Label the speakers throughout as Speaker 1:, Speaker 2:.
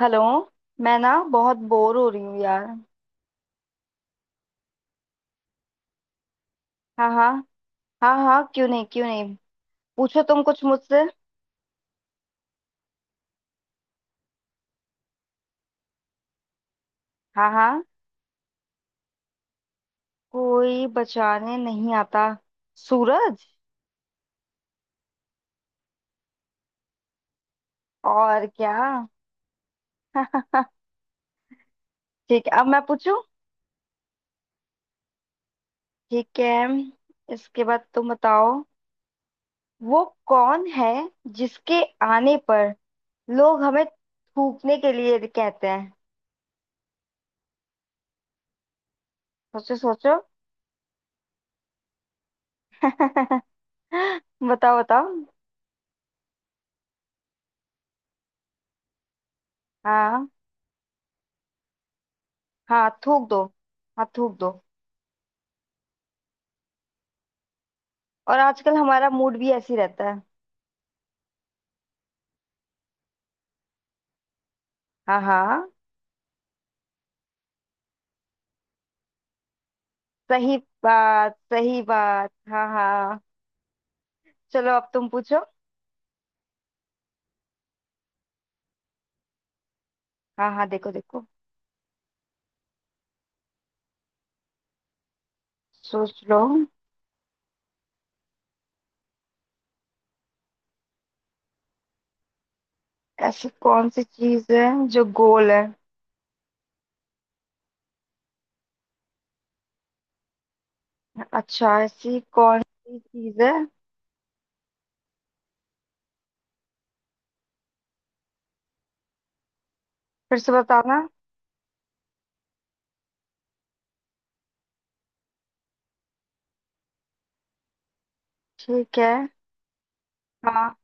Speaker 1: Hello. मैं ना बहुत बोर हो रही हूँ यार। हाँ हाँ। हाँ हाँ, क्यों नहीं क्यों नहीं। पूछो तुम कुछ मुझसे। हाँ हाँ। कोई बचाने नहीं आता। सूरज। और क्या। ठीक है, अब मैं पूछूं। ठीक है, इसके बाद तुम बताओ। वो कौन है जिसके आने पर लोग हमें थूकने के लिए कहते हैं। सोचो सोचो। बताओ बताओ। हाँ हाँ थूक दो। हाँ थूक दो। और आजकल हमारा मूड भी ऐसे ही रहता है। हाँ हाँ। सही बात, सही बात। हाँ हाँ। चलो अब तुम पूछो। हाँ हाँ, देखो देखो। सोच लो। ऐसी कौन सी चीज है जो गोल है। अच्छा, ऐसी कौन सी चीज है। फिर से बताना। ठीक है। हाँ,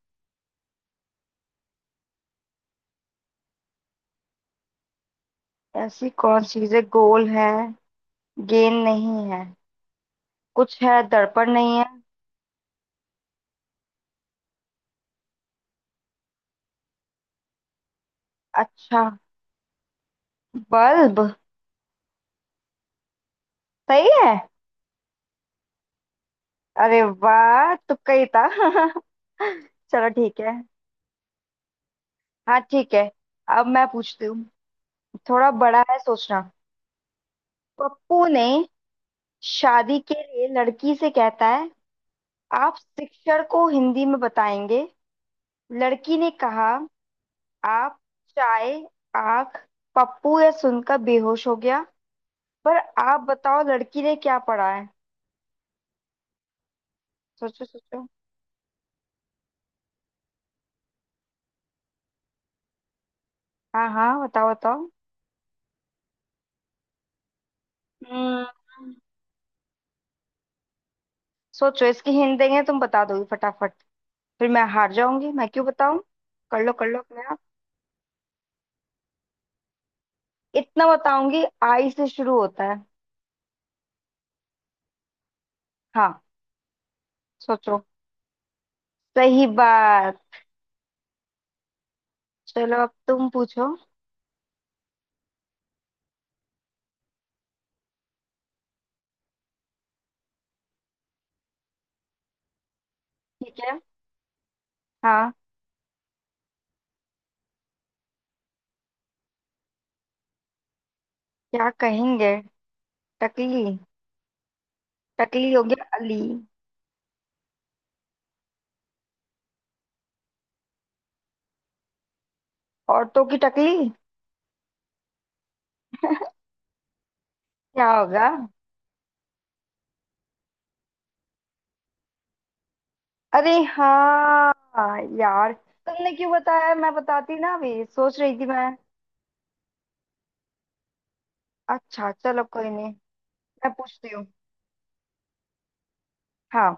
Speaker 1: ऐसी कौन सी चीज है, गोल है, गेंद नहीं है, कुछ है, दर्पण नहीं है। अच्छा। बल्ब। सही है। अरे वाह, तुक्का ही था। चलो ठीक है। हाँ ठीक है, अब मैं पूछती हूँ। थोड़ा बड़ा है सोचना। पप्पू ने शादी के लिए लड़की से कहता है, आप शिक्षक को हिंदी में बताएंगे। लड़की ने कहा, आप चाय आंख। पप्पू यह सुनकर बेहोश हो गया। पर आप बताओ लड़की ने क्या पढ़ा है। सोचो सोचो। हाँ हाँ, बताओ बताओ। हम्म सोचो, इसकी हिंट देंगे तुम बता दोगे फटाफट। फिर मैं हार जाऊंगी, मैं क्यों बताऊं। कर लो अपने आप। इतना बताऊंगी, आई से शुरू होता है। हाँ। सोचो। सही बात। चलो अब तुम पूछो। ठीक है। हाँ, क्या कहेंगे। टकली। टकली हो गया अली। औरतों की टकली। क्या होगा। अरे हाँ यार, तुमने क्यों बताया, मैं बताती ना, अभी सोच रही थी मैं। अच्छा चलो कोई नहीं। मैं पूछती हूँ। हाँ।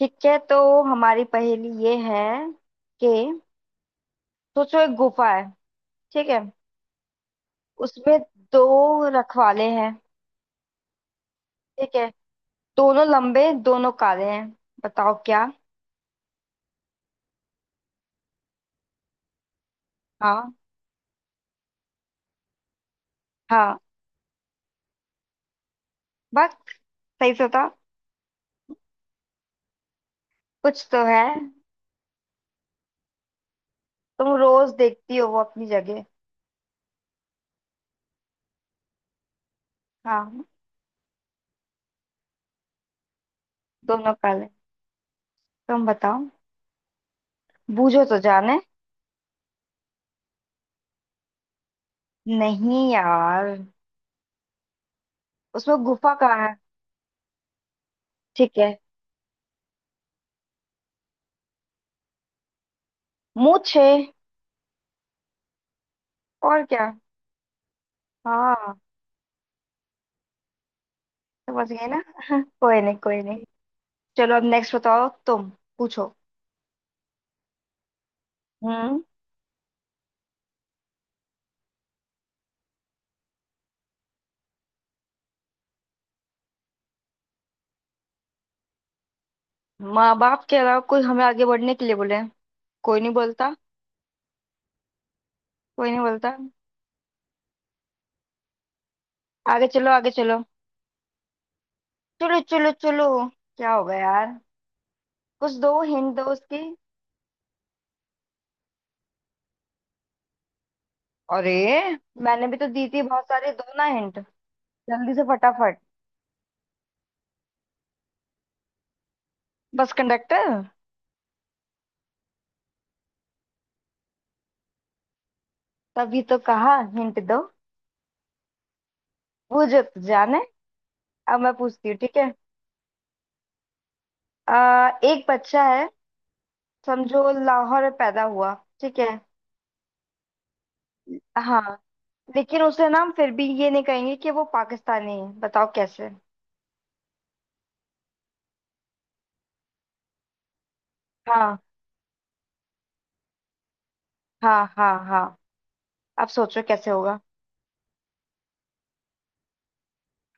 Speaker 1: ठीक है, तो हमारी पहेली ये है कि सोचो, एक गुफा है। ठीक है। उसमें दो रखवाले हैं। ठीक है। दोनों लंबे दोनों काले हैं। बताओ क्या। हाँ। हाँ, बस। सही से बता। कुछ तो है। तुम रोज देखती हो वो अपनी जगह। हाँ। दोनों काले, तुम बताओ। बूझो तो जाने। नहीं यार। उसमें गुफा कहाँ है। ठीक है, मूछे। और क्या। हाँ। समझ गए ना। कोई नहीं कोई नहीं। चलो अब नेक्स्ट बताओ तुम। पूछो। हम्म माँ बाप के अलावा कोई हमें आगे बढ़ने के लिए बोले। कोई नहीं बोलता। कोई नहीं बोलता। आगे चलो, आगे चलो। चलो चलो चलो। क्या होगा यार। कुछ दो, हिंट दो उसकी। अरे, मैंने भी तो दी थी बहुत सारे, दो ना हिंट। जल्दी से फटाफट। Bus conductor. तभी तो कहा हिंट दो। वो जो तू जाने। अब मैं पूछती हूँ, ठीक है। एक बच्चा है, समझो लाहौर में पैदा हुआ। ठीक है। हाँ, लेकिन उसे ना हम फिर भी ये नहीं कहेंगे कि वो पाकिस्तानी है। बताओ कैसे। हाँ हाँ हाँ। हाँ, अब सोचो कैसे होगा।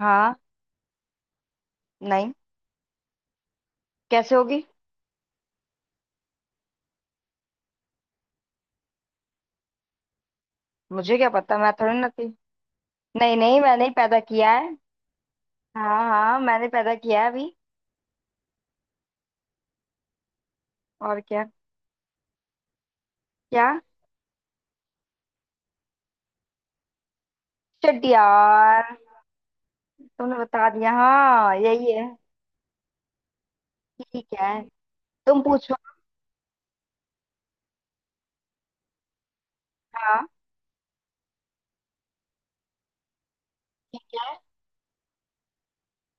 Speaker 1: हाँ। नहीं, कैसे होगी। मुझे क्या पता, मैं थोड़ी ना थी। नहीं नहीं, मैंने ही पैदा किया है। हाँ हाँ, मैंने पैदा किया है अभी। और क्या। क्या। शिट यार, तुमने बता दिया। हाँ यही है। ठीक है, तुम पूछो। हाँ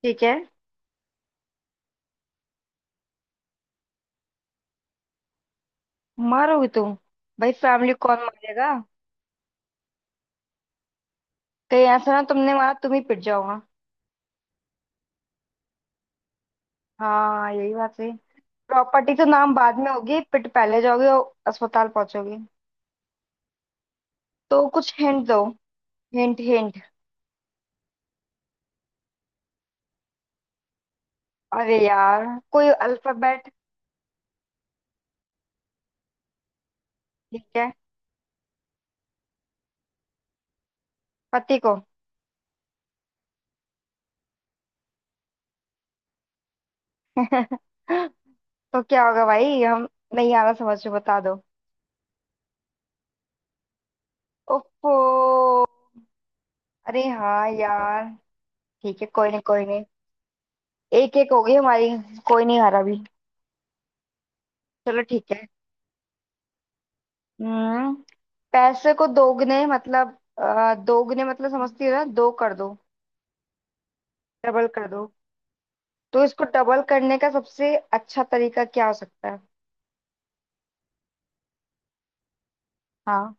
Speaker 1: ठीक है। मारोगी तुम। भाई फैमिली कौन मारेगा। कहीं ऐसा ना तुमने मारा, तुम ही पिट जाओगा। हाँ यही बात सही। प्रॉपर्टी तो नाम बाद में होगी, पिट पहले जाओगे और अस्पताल पहुंचोगे। तो कुछ हिंट दो। Hint hint. अरे यार। कोई अल्फाबेट। ठीक है, पति को। तो क्या होगा भाई हम। नहीं आ रहा समझ में, बता दो। ओफो। अरे हाँ यार। ठीक है, कोई नहीं कोई नहीं। एक एक हो गई हमारी। कोई नहीं हारा अभी। चलो ठीक है। हम्म पैसे को दोगुने मतलब दोगुने मतलब समझती हो ना, दो कर दो। डबल कर दो। तो इसको डबल करने का सबसे अच्छा तरीका क्या हो सकता है। हाँ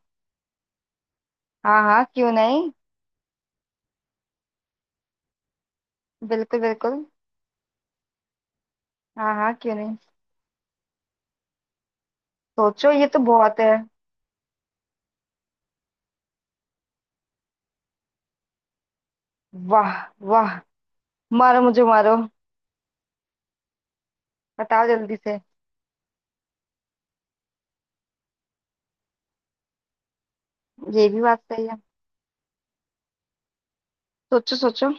Speaker 1: हाँ। हाँ, क्यों नहीं। बिल्कुल बिल्कुल। हाँ हाँ क्यों नहीं। सोचो, ये तो बहुत है। वाह वाह। मारो मुझे, मारो। बताओ जल्दी से। ये भी बात सही है। सोचो सोचो।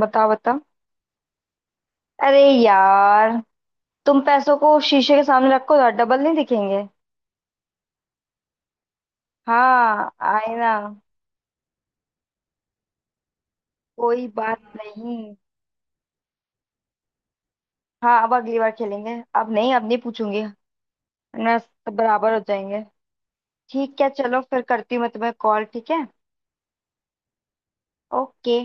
Speaker 1: बताओ बताओ। अरे यार, तुम पैसों को शीशे के सामने रखो, डबल नहीं दिखेंगे। हाँ आईना। कोई बात नहीं। हाँ, अब अगली बार खेलेंगे। अब नहीं, अब नहीं पूछूंगी। वरना सब बराबर हो जाएंगे। ठीक है, चलो फिर करती हूँ मैं तुम्हें कॉल। ठीक है। ओके।